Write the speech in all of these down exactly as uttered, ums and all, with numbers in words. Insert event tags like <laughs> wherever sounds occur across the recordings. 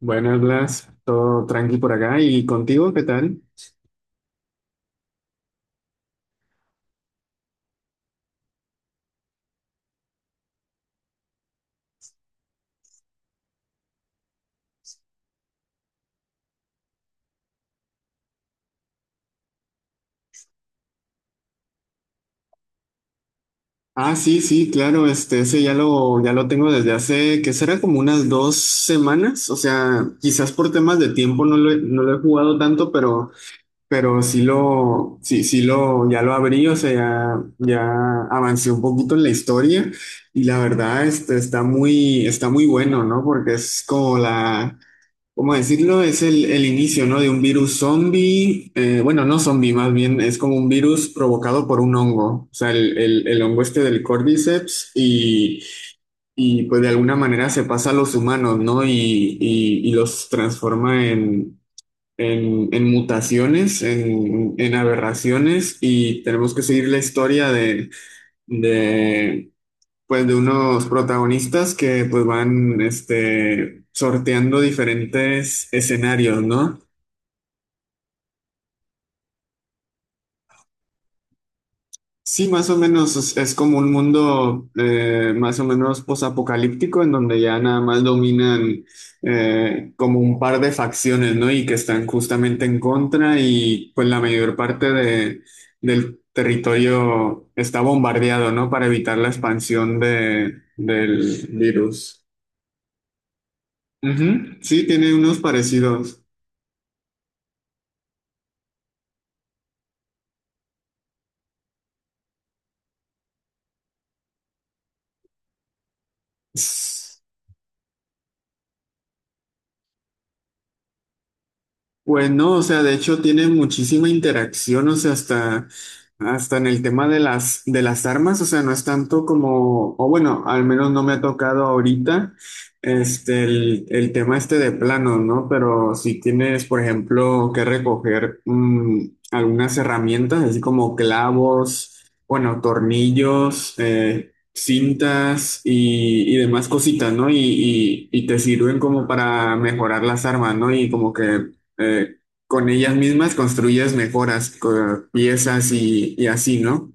Buenas, Blas, todo tranqui por acá. ¿Y contigo qué tal? Ah, sí, sí, claro, este, ese ya lo, ya lo tengo desde hace, que será como unas dos semanas. O sea, quizás por temas de tiempo no lo he, no lo he jugado tanto, pero, pero sí lo, sí, sí lo, ya lo abrí. O sea, ya, ya avancé un poquito en la historia. Y la verdad, este, está muy, está muy bueno, ¿no? Porque es como la... ¿Cómo decirlo? Es el, el inicio, ¿no? De un virus zombie. Eh, bueno, no zombie, más bien es como un virus provocado por un hongo, o sea, el, el- el hongo este del Cordyceps y, y, pues de alguna manera se pasa a los humanos, ¿no? Y, y- y los transforma en, en- en mutaciones, en, en aberraciones, y tenemos que seguir la historia de, de pues de unos protagonistas que pues van este, sorteando diferentes escenarios, ¿no? Sí, más o menos es, es como un mundo, eh, más o menos posapocalíptico, en donde ya nada más dominan, eh, como un par de facciones, ¿no? Y que están justamente en contra, y pues la mayor parte de, del territorio está bombardeado, ¿no? Para evitar la expansión de, del virus. Ujú, sí, tiene unos parecidos. Sí, pues no, o sea, de hecho tiene muchísima interacción. O sea, hasta, hasta en el tema de las, de las armas, o sea, no es tanto como, o bueno, al menos no me ha tocado ahorita, este, el, el tema este de planos, ¿no? Pero si tienes, por ejemplo, que recoger, mm, algunas herramientas, así como clavos, bueno, tornillos, eh, cintas y, y demás cositas, ¿no? Y, y, y te sirven como para mejorar las armas, ¿no? Y como que, eh, con ellas mismas construyes mejoras, co- piezas y, y así, ¿no?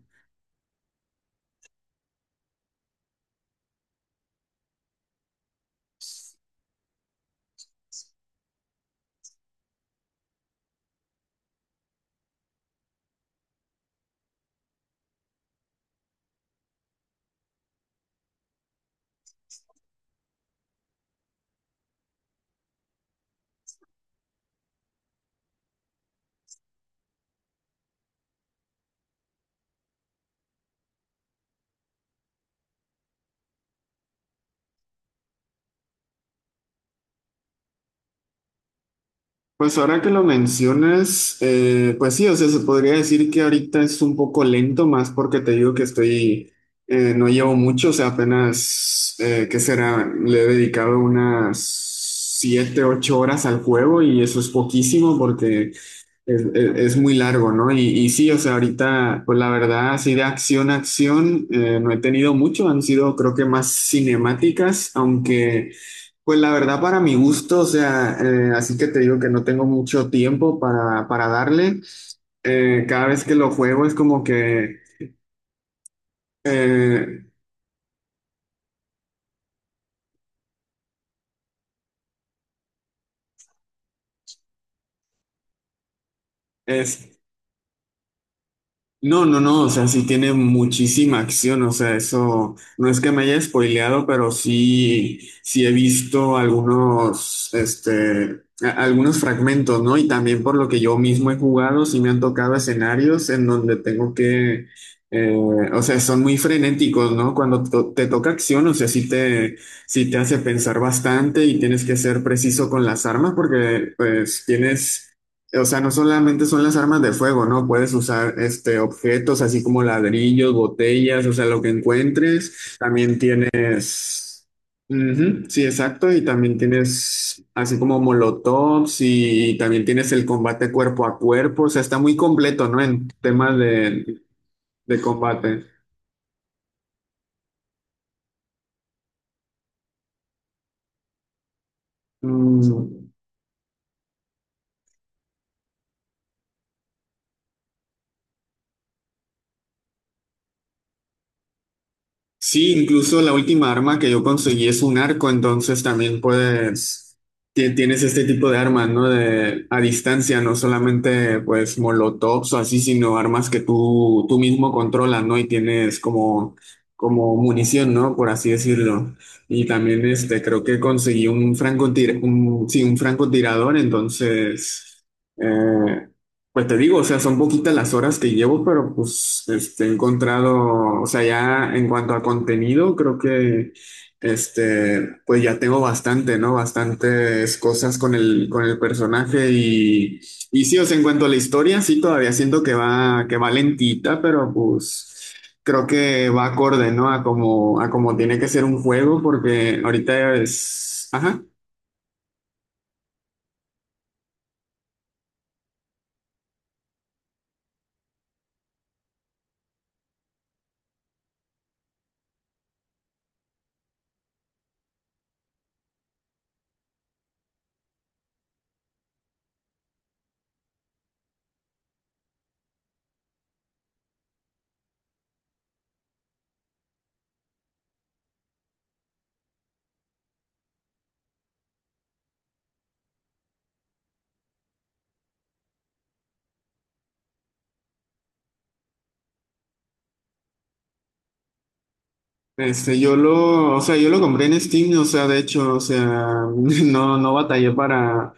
Pues ahora que lo mencionas, eh, pues sí. O sea, se podría decir que ahorita es un poco lento, más porque te digo que estoy, eh, no llevo mucho. O sea, apenas, eh, ¿qué será? Le he dedicado unas siete, ocho horas al juego, y eso es poquísimo porque es, es- es muy largo, ¿no? Y, y sí, o sea, ahorita, pues la verdad, así de acción a acción, eh, no he tenido mucho, han sido creo que más cinemáticas, aunque... Pues la verdad, para mi gusto, o sea, eh, así que te digo que no tengo mucho tiempo para, para darle. Eh, cada vez que lo juego es como que, eh, es no, no, no. O sea, sí tiene muchísima acción, o sea, eso no es que me haya spoileado, pero sí, sí he visto algunos, este, a- algunos fragmentos, ¿no? Y también por lo que yo mismo he jugado, sí me han tocado escenarios en donde tengo que, eh, o sea, son muy frenéticos, ¿no? Cuando to- te toca acción, o sea, sí te, sí te hace pensar bastante, y tienes que ser preciso con las armas porque, pues, tienes. O sea, no solamente son las armas de fuego, ¿no? Puedes usar este objetos así como ladrillos, botellas, o sea, lo que encuentres. También tienes... Ujú, sí, exacto, y también tienes así como molotovs y también tienes el combate cuerpo a cuerpo. O sea, está muy completo, ¿no? En temas de, de combate. Mm. Sí, incluso la última arma que yo conseguí es un arco. Entonces también puedes, ti- tienes este tipo de armas, ¿no? De, a distancia, no solamente pues molotovs o así, sino armas que tú, tú mismo controlas, ¿no? Y tienes como, como munición, ¿no? Por así decirlo. Y también este, creo que conseguí un francotir, un, sí, un francotirador, entonces... eh, pues te digo, o sea, son poquitas las horas que llevo, pero pues este, he encontrado, o sea, ya en cuanto a contenido, creo que este, pues ya tengo bastante, ¿no? Bastantes cosas con el, con el personaje, y, y sí, o sea, en cuanto a la historia, sí, todavía siento que va, que va lentita, pero pues creo que va acorde, ¿no? A como, a como tiene que ser un juego, porque ahorita es, ajá. Este, yo lo, o sea, yo lo compré en Steam, o sea, de hecho, o sea, <laughs> no, no batallé para,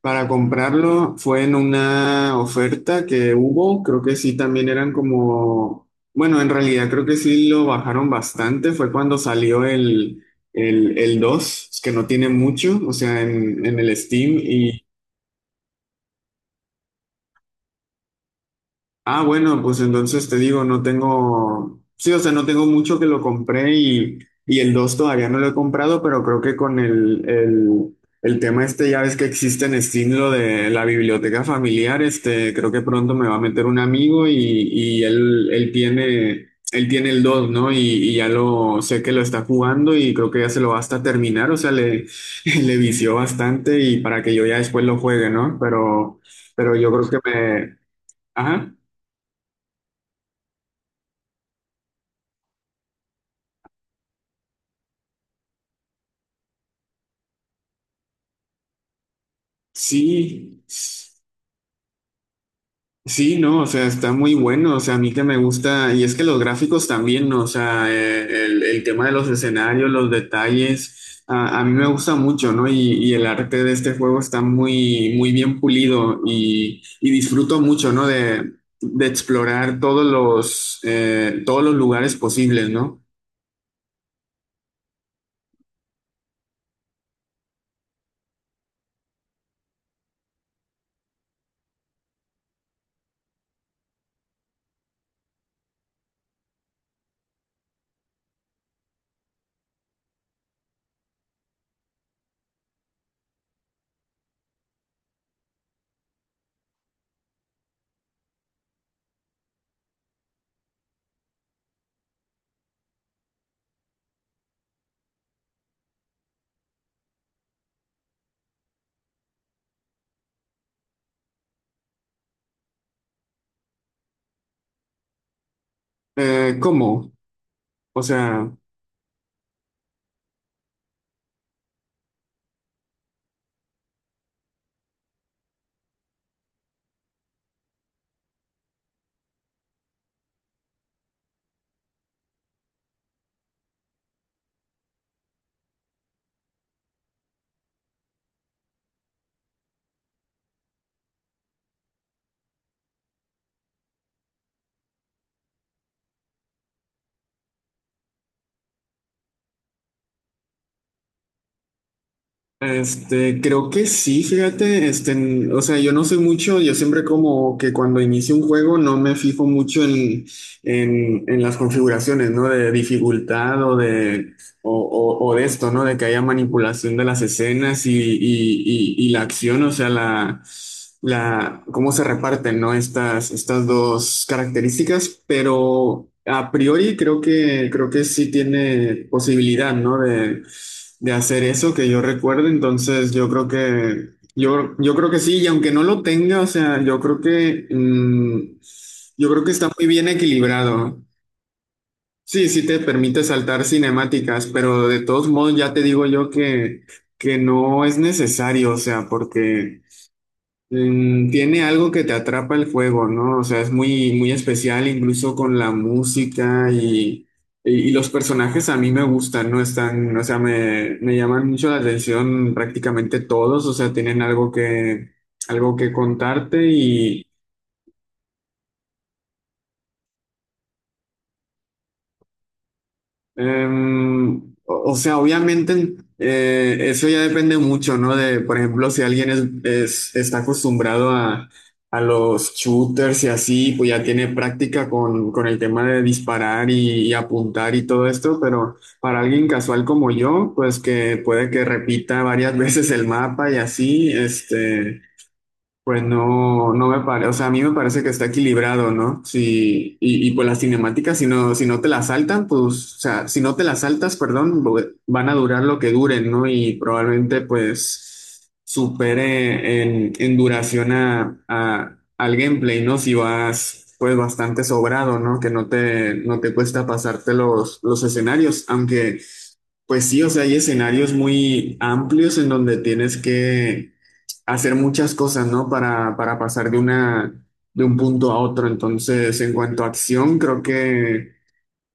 para comprarlo. Fue en una oferta que hubo, creo que sí. También eran como, bueno, en realidad creo que sí lo bajaron bastante. Fue cuando salió el, el, el dos, que no tiene mucho, o sea, en, en el Steam. Ah, bueno, pues entonces te digo, no tengo, sí, o sea, no tengo mucho que lo compré, y, y el dos todavía no lo he comprado. Pero creo que con el, el, el tema este, ya ves que existe en Steam lo de la biblioteca familiar. Este, creo que pronto me va a meter un amigo, y, y él, él tiene, él tiene el dos, ¿no? Y, y ya lo, sé que lo está jugando, y creo que ya se lo va hasta terminar. O sea, le, <laughs> le vició bastante, y para que yo ya después lo juegue, ¿no? Pero, pero yo creo que me, ajá. Sí, sí, no, o sea, está muy bueno. O sea, a mí que me gusta. Y es que los gráficos también, ¿no? O sea, eh, el, el tema de los escenarios, los detalles, a, a mí me gusta mucho, ¿no? Y, y el arte de este juego está muy, muy bien pulido, y, y disfruto mucho, ¿no? De, de explorar todos los, eh, todos los lugares posibles, ¿no? Eh, ¿cómo? O sea... Este, creo que sí, fíjate, este, en- o sea, yo no sé mucho. Yo siempre, como que cuando inicio un juego, no me fijo mucho en, en, en las configuraciones, ¿no? De dificultad, o de o, o- o de esto, ¿no? De que haya manipulación de las escenas y, y- y- y la acción. O sea, la, la, cómo se reparten, ¿no? Estas, estas dos características. Pero a priori creo que, creo que sí tiene posibilidad, ¿no? De, de hacer eso, que yo recuerdo. Entonces yo creo que, yo, yo creo que sí, y aunque no lo tenga, o sea, yo creo que, mm, yo creo que está muy bien equilibrado. Sí, sí te permite saltar cinemáticas, pero de todos modos ya te digo yo que, que no es necesario. O sea, porque mm, tiene algo que te atrapa el juego, ¿no? O sea, es muy, muy especial, incluso con la música y, y, y los personajes a mí me gustan, ¿no? Están, o sea, me, me llaman mucho la atención prácticamente todos. O sea, tienen algo que, algo que contarte. Em, o o sea, obviamente, eh, eso ya depende mucho, ¿no? De, por ejemplo, si alguien es, es- está acostumbrado a, a los shooters y así, pues ya tiene práctica con, con el tema de disparar y, y apuntar y todo esto. Pero para alguien casual como yo, pues que puede que repita varias <laughs> veces el mapa y así, este... Pues no, no me parece. O sea, a mí me parece que está equilibrado, ¿no? Sí, y, y pues las cinemáticas, si no, si no te las saltan, pues, o sea, si no te las saltas, perdón, bo- van a durar lo que duren, ¿no? Y probablemente, pues, supere en, en duración a, a- al gameplay, ¿no? Si vas, pues, bastante sobrado, ¿no? Que no te, no te cuesta pasarte los, los escenarios, aunque... Pues sí, o sea, hay escenarios muy amplios en donde tienes que hacer muchas cosas, ¿no? Para, para pasar de una, de un punto a otro. Entonces, en cuanto a acción, creo que,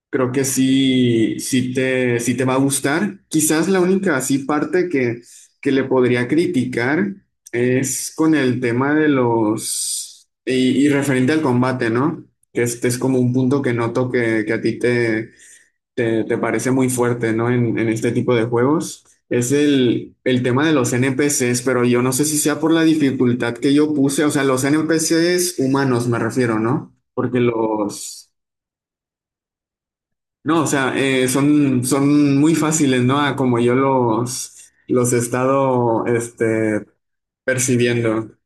creo que sí, sí te, sí te va a gustar. Quizás la única así parte que, que le podría criticar es con el tema de los, y, y referente al combate, ¿no? Que este es como un punto que noto que, que a ti te te, te parece muy fuerte, ¿no? En, en este tipo de juegos. Es el, el tema de los N P Cs, pero yo no sé si sea por la dificultad que yo puse, o sea, los N P Cs humanos me refiero, ¿no? Porque los... No, o sea, eh, son, son muy fáciles, ¿no? A como yo los, los he estado este, percibiendo.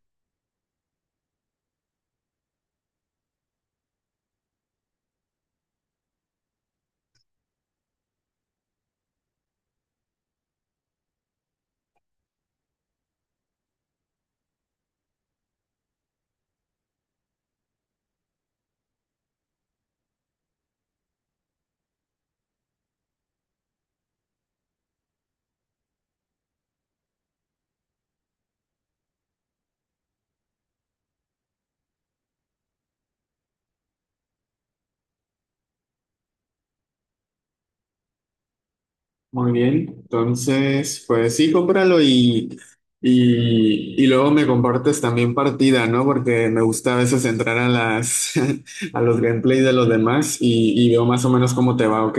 Muy bien, entonces, pues sí, cómpralo, y, y, y luego me compartes también partida, ¿no? Porque me gusta a veces entrar a las <laughs> a los gameplays de los demás, y, y veo más o menos cómo te va, ¿ok?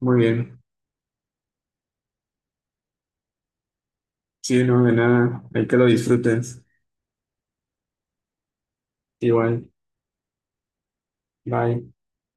Muy bien. Sí, no, de nada. Hay que lo disfrutes. Igual. Bye.